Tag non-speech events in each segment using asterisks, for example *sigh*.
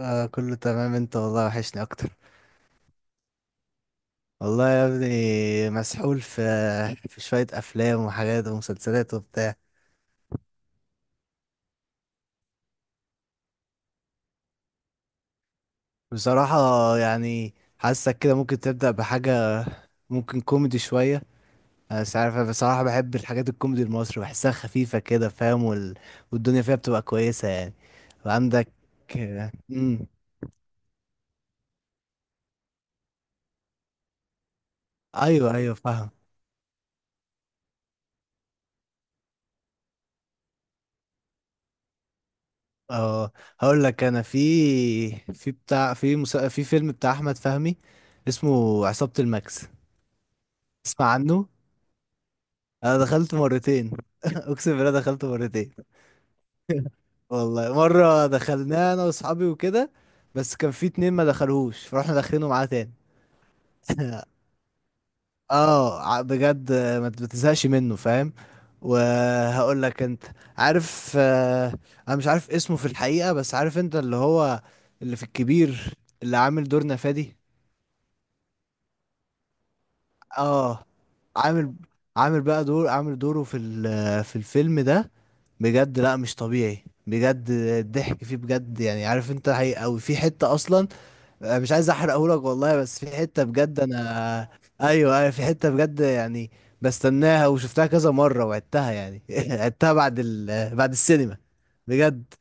آه، كله تمام. انت والله وحشني اكتر. والله يا ابني مسحول في شوية افلام وحاجات ومسلسلات وبتاع. بصراحة يعني حاسك كده ممكن تبدأ بحاجة. ممكن كوميدي شوية. انا مش عارف، انا بصراحة بحب الحاجات الكوميدي المصري، بحسها خفيفة كده، فاهم؟ والدنيا فيها بتبقى كويسة يعني. وعندك. امم ايوه ايوه، فاهم. اه هقول لك. انا في في بتاع، في فيلم بتاع احمد فهمي، اسمه عصابة الماكس. تسمع عنه؟ انا دخلت مرتين. *laughs* اقسم بالله دخلت مرتين. *laughs* والله مرة دخلناه انا واصحابي وكده، بس كان في اتنين ما دخلوش فروحنا داخلينه معاه تاني. *laughs* بجد، ما بتزهقش منه، فاهم؟ وهقول لك انت، عارف، انا مش عارف اسمه في الحقيقة، بس عارف انت اللي هو اللي في الكبير، اللي عامل دور نفادي. اه عامل عامل بقى دور، عامل دوره في الفيلم ده، بجد لا مش طبيعي، بجد الضحك فيه بجد يعني، عارف انت، حقيقي قوي في حتة اصلا. أنا مش عايز احرقهولك والله، بس في حتة بجد انا *laughs* ايوه ايوه، في حتة بجد يعني، بستناها وشفتها كذا مرة وعدتها يعني. *laughs* عدتها بعد السينما، بجد.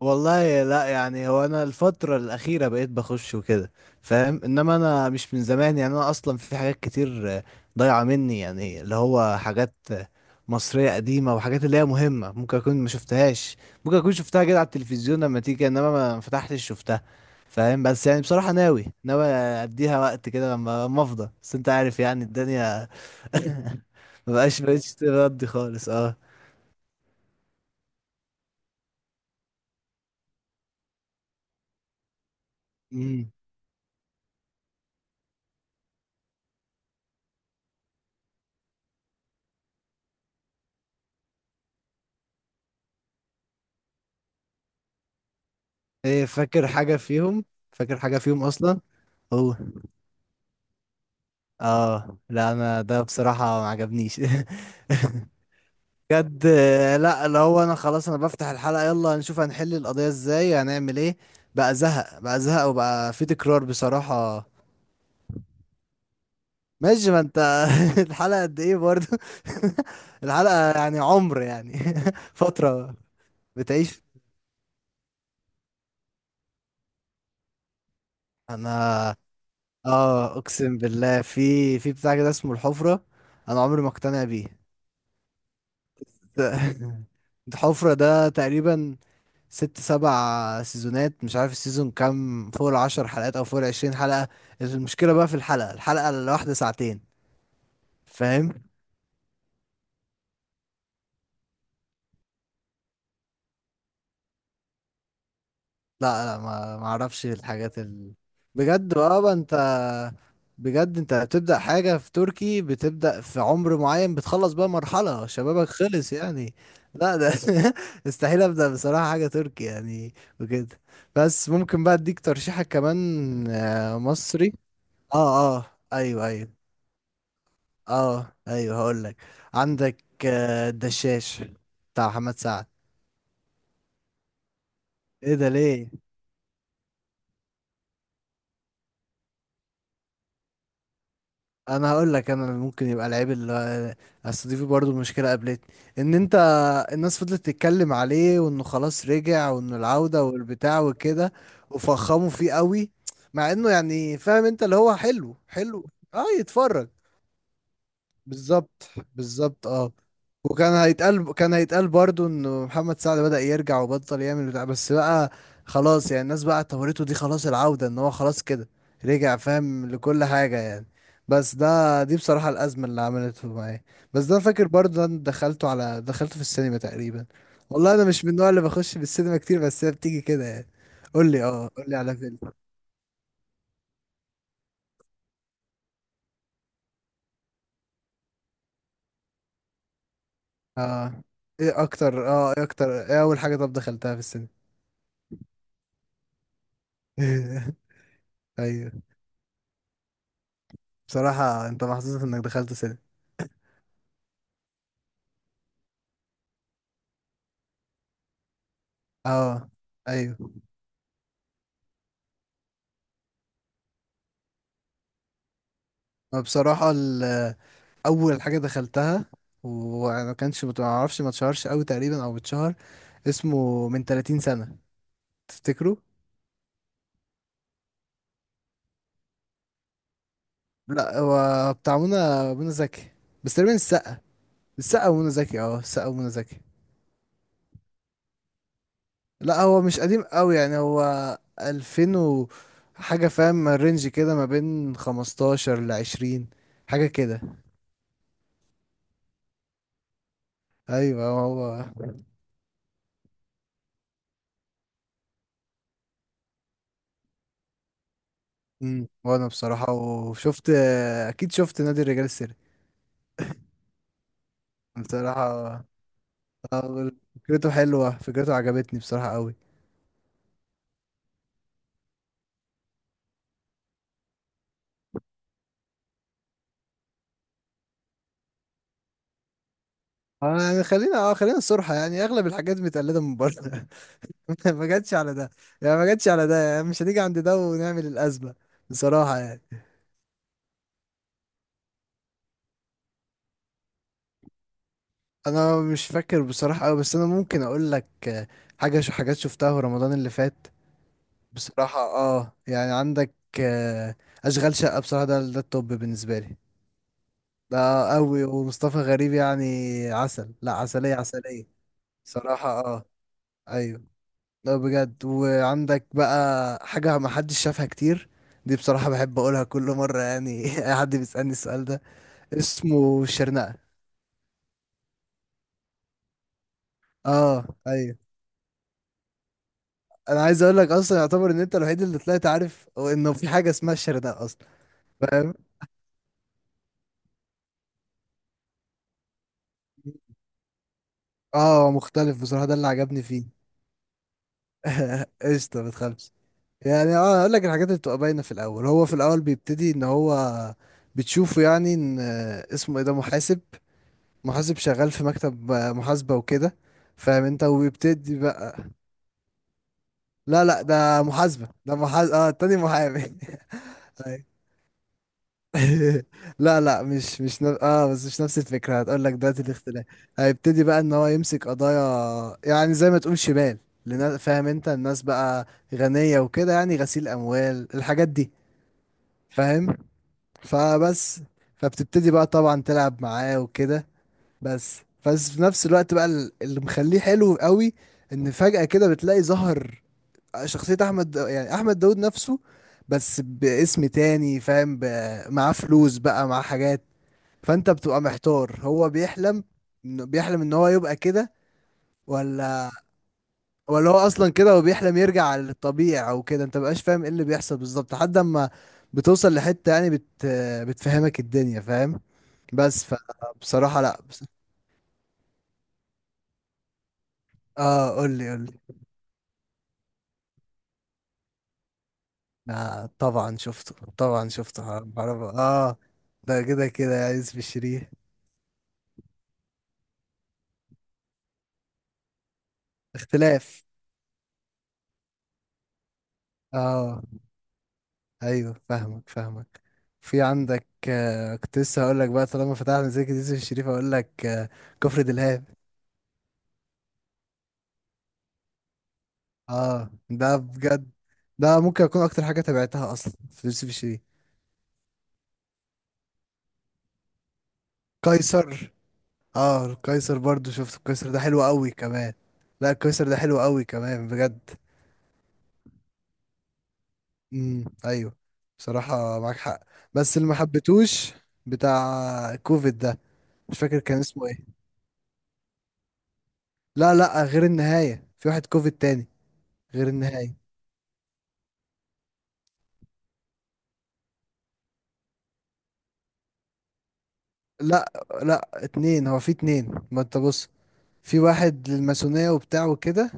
والله لا، يعني هو انا الفترة الأخيرة بقيت بخش وكده، فاهم؟ انما انا مش من زمان يعني، انا اصلا في حاجات كتير ضايعة مني، يعني اللي هو حاجات مصرية قديمة، وحاجات اللي هي مهمة ممكن اكون ما شفتهاش. ممكن اكون شفتها كده على التلفزيون لما تيجي، انما ما فتحتش شفتها، فاهم؟ بس يعني بصراحة، ناوي اديها وقت كده لما افضى، بس انت عارف يعني الدنيا. *laughs* بقتش تردي خالص، اه. امم ايه، فاكر حاجة فيهم، فاكر حاجة فيهم اصلا؟ هو اه لا، انا ده بصراحة ما عجبنيش. *laughs* بجد، لا اللي هو انا خلاص، انا بفتح الحلقة يلا نشوف هنحل القضية ازاي، هنعمل ايه. بقى زهق وبقى في تكرار بصراحة. ماشي، ما انت. *laughs* الحلقة قد ايه برضو؟ *laughs* الحلقة يعني عمر يعني. *laughs* فترة بتعيش. انا اه اقسم بالله، في بتاع كده اسمه الحفرة، انا عمري ما اقتنع بيه. *laughs* الحفرة ده تقريبا ست سبع سيزونات، مش عارف السيزون كام، فوق العشر حلقات او فوق العشرين حلقة. المشكلة بقى في الحلقة الواحدة ساعتين، فاهم؟ لا لا، ما اعرفش الحاجات. بجد، بقى انت بجد انت بتبدأ حاجة في تركي، بتبدأ في عمر معين بتخلص بقى مرحلة شبابك، خلص يعني. لا ده *laughs* استحيل ابدأ بصراحة حاجة تركي يعني وكده. بس ممكن بقى اديك ترشيحك كمان مصري. اه، اه، ايوه ايوه، اه ايوه، هقول لك. عندك الدشاش بتاع محمد سعد. ايه ده ليه؟ انا هقول لك. انا اللي ممكن يبقى العيب، اللي اصل دي برضه مشكله قابلتني ان انت الناس فضلت تتكلم عليه، وانه خلاص رجع، وانه العوده والبتاع وكده، وفخموا فيه قوي، مع انه يعني، فاهم انت، اللي هو حلو حلو. اه، يتفرج، بالظبط بالظبط، اه. وكان هيتقال برضو انه محمد سعد بدأ يرجع وبطل يعمل بتاع، بس بقى خلاص يعني، الناس بقى اعتبرته دي خلاص العودة، ان هو خلاص كده رجع، فاهم، لكل حاجة يعني. بس دي بصراحة الأزمة اللي عملته معايا. بس ده أنا فاكر برضو، ده انا دخلته في السينما تقريبا. والله انا مش من النوع اللي بخش في السينما كتير، بس هي بتيجي كده يعني. قول لي، قول لي على فيلم. اه ايه اكتر اه ايه اكتر ايه اول حاجة طب دخلتها في السينما؟ *laughs* ايوه. بصراحة انت محظوظ انك دخلت سينما. اه ايوه. ما بصراحة اول حاجة دخلتها، وما كانش، ما اعرفش، ما اتشهرش قوي تقريبا او اتشهر، اسمه من 30 سنة، تفتكروا؟ لا هو بتاع منى زكي. بس تقريبا السقا ومنى زكي. اه، السقا ومنى زكي. لا هو مش قديم قوي يعني، هو 2000 و حاجة، فاهم؟ رينج كده ما بين 15 ل 20 حاجة كده. ايوه هو. وانا بصراحة وشفت، اكيد شفت، نادي الرجال السري. بصراحة آه، فكرته حلوة، فكرته عجبتني بصراحة قوي. يعني خلينا، خلينا الصراحة، يعني اغلب الحاجات متقلدة من بره. *laughs* ما جاتش على ده يعني، ما جاتش على ده يعني، مش هنيجي عند ده ونعمل الأزمة. بصراحة يعني، انا مش فاكر بصراحة قوي، بس انا ممكن اقول لك حاجة شو حاجات شفتها في رمضان اللي فات. بصراحة يعني عندك آه، اشغال شقة. بصراحة ده التوب بالنسبة لي. اه قوي، ومصطفى غريب يعني، عسل لا عسلية عسلية. صراحة اه، ايوه. لا بجد، وعندك بقى حاجة ما حدش شافها كتير، دي بصراحة بحب اقولها كل مرة يعني *laughs* اي حد بيسألني السؤال ده. اسمه الشرنقة. اه ايوه. انا عايز اقول لك، اصلا يعتبر ان انت الوحيد اللي طلعت عارف انه في حاجة اسمها الشرنقة اصلا. فاهم، اه مختلف بصراحة، ده اللي عجبني فيه. *laughs* قشطة، ما تخافش يعني. اه اقول لك الحاجات اللي بتبقى باينه في الاول. هو في الاول بيبتدي ان هو بتشوفه، يعني ان اسمه ايه ده، محاسب. محاسب شغال في مكتب محاسبه وكده، فاهم انت؟ وبيبتدي بقى. لا لا، ده محاسب، اه، التاني محامي. *laughs* أي. *laughs* لا لا، مش نف... اه بس مش نفس الفكره، هتقول لك دلوقتي الاختلاف. هيبتدي بقى ان هو يمسك قضايا، يعني زي ما تقول شمال فاهم انت، الناس بقى غنيه وكده، يعني غسيل اموال، الحاجات دي، فاهم؟ فبس فبتبتدي بقى طبعا تلعب معاه وكده. بس بس في نفس الوقت بقى اللي مخليه حلو قوي، ان فجأة كده بتلاقي ظهر شخصية يعني احمد داود نفسه، بس باسم تاني، فاهم، معاه فلوس بقى، معاه حاجات، فانت بتبقى محتار، هو بيحلم بيحلم ان هو يبقى كده، ولا ولا هو اصلا كده، هو بيحلم يرجع للطبيعي او كده، انت مبقاش فاهم ايه اللي بيحصل بالظبط لحد اما بتوصل لحتة يعني، بتفهمك الدنيا، فاهم؟ بس فبصراحة، لا اه، قول لي قول لي. آه طبعا شفته، طبعا شفته، بعرف، اه. ده كده كده يا يوسف الشريف. اختلاف. اه ايوه، فاهمك فاهمك. في عندك، كنت لسه هقول لك بقى، طالما فتحنا زي كده يوسف الشريف هقول لك، كفر دلهاب. اه ده بجد، ده ممكن اكون اكتر حاجه تابعتها اصلا في يوسف الشريف. قيصر اه القيصر برضو شفت القيصر، ده حلو قوي كمان. لا القيصر ده حلو قوي كمان بجد. ايوه. بصراحه معاك حق. بس اللي ما حبيتهوش بتاع كوفيد ده، مش فاكر كان اسمه ايه. لا لا، غير النهايه، في واحد كوفيد تاني غير النهايه. لا لا اتنين، هو في اتنين، ما انت بص، في واحد للماسونية وبتاع وكده،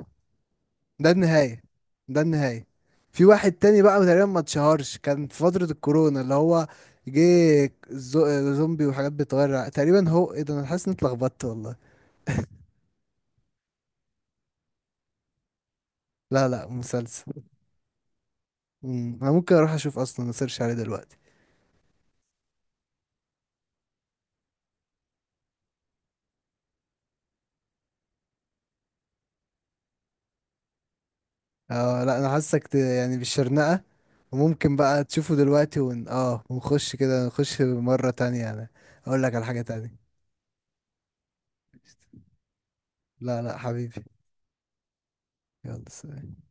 ده النهاية، ده النهاية. في واحد تاني بقى تقريبا ما اتشهرش، كان في فترة الكورونا، اللي هو جه زومبي وحاجات بتغير، تقريبا، هو ايه ده، انا حاسس اني اتلخبطت والله. لا لا مسلسل. انا ممكن اروح اشوف اصلا، اسيرش عليه دلوقتي. اه لا، انا حاسك يعني بالشرنقة، وممكن بقى تشوفه دلوقتي، ون... اه ونخش كده نخش مرة تانية. انا اقول لك على حاجة تانية. لا لا حبيبي، يلا سلام.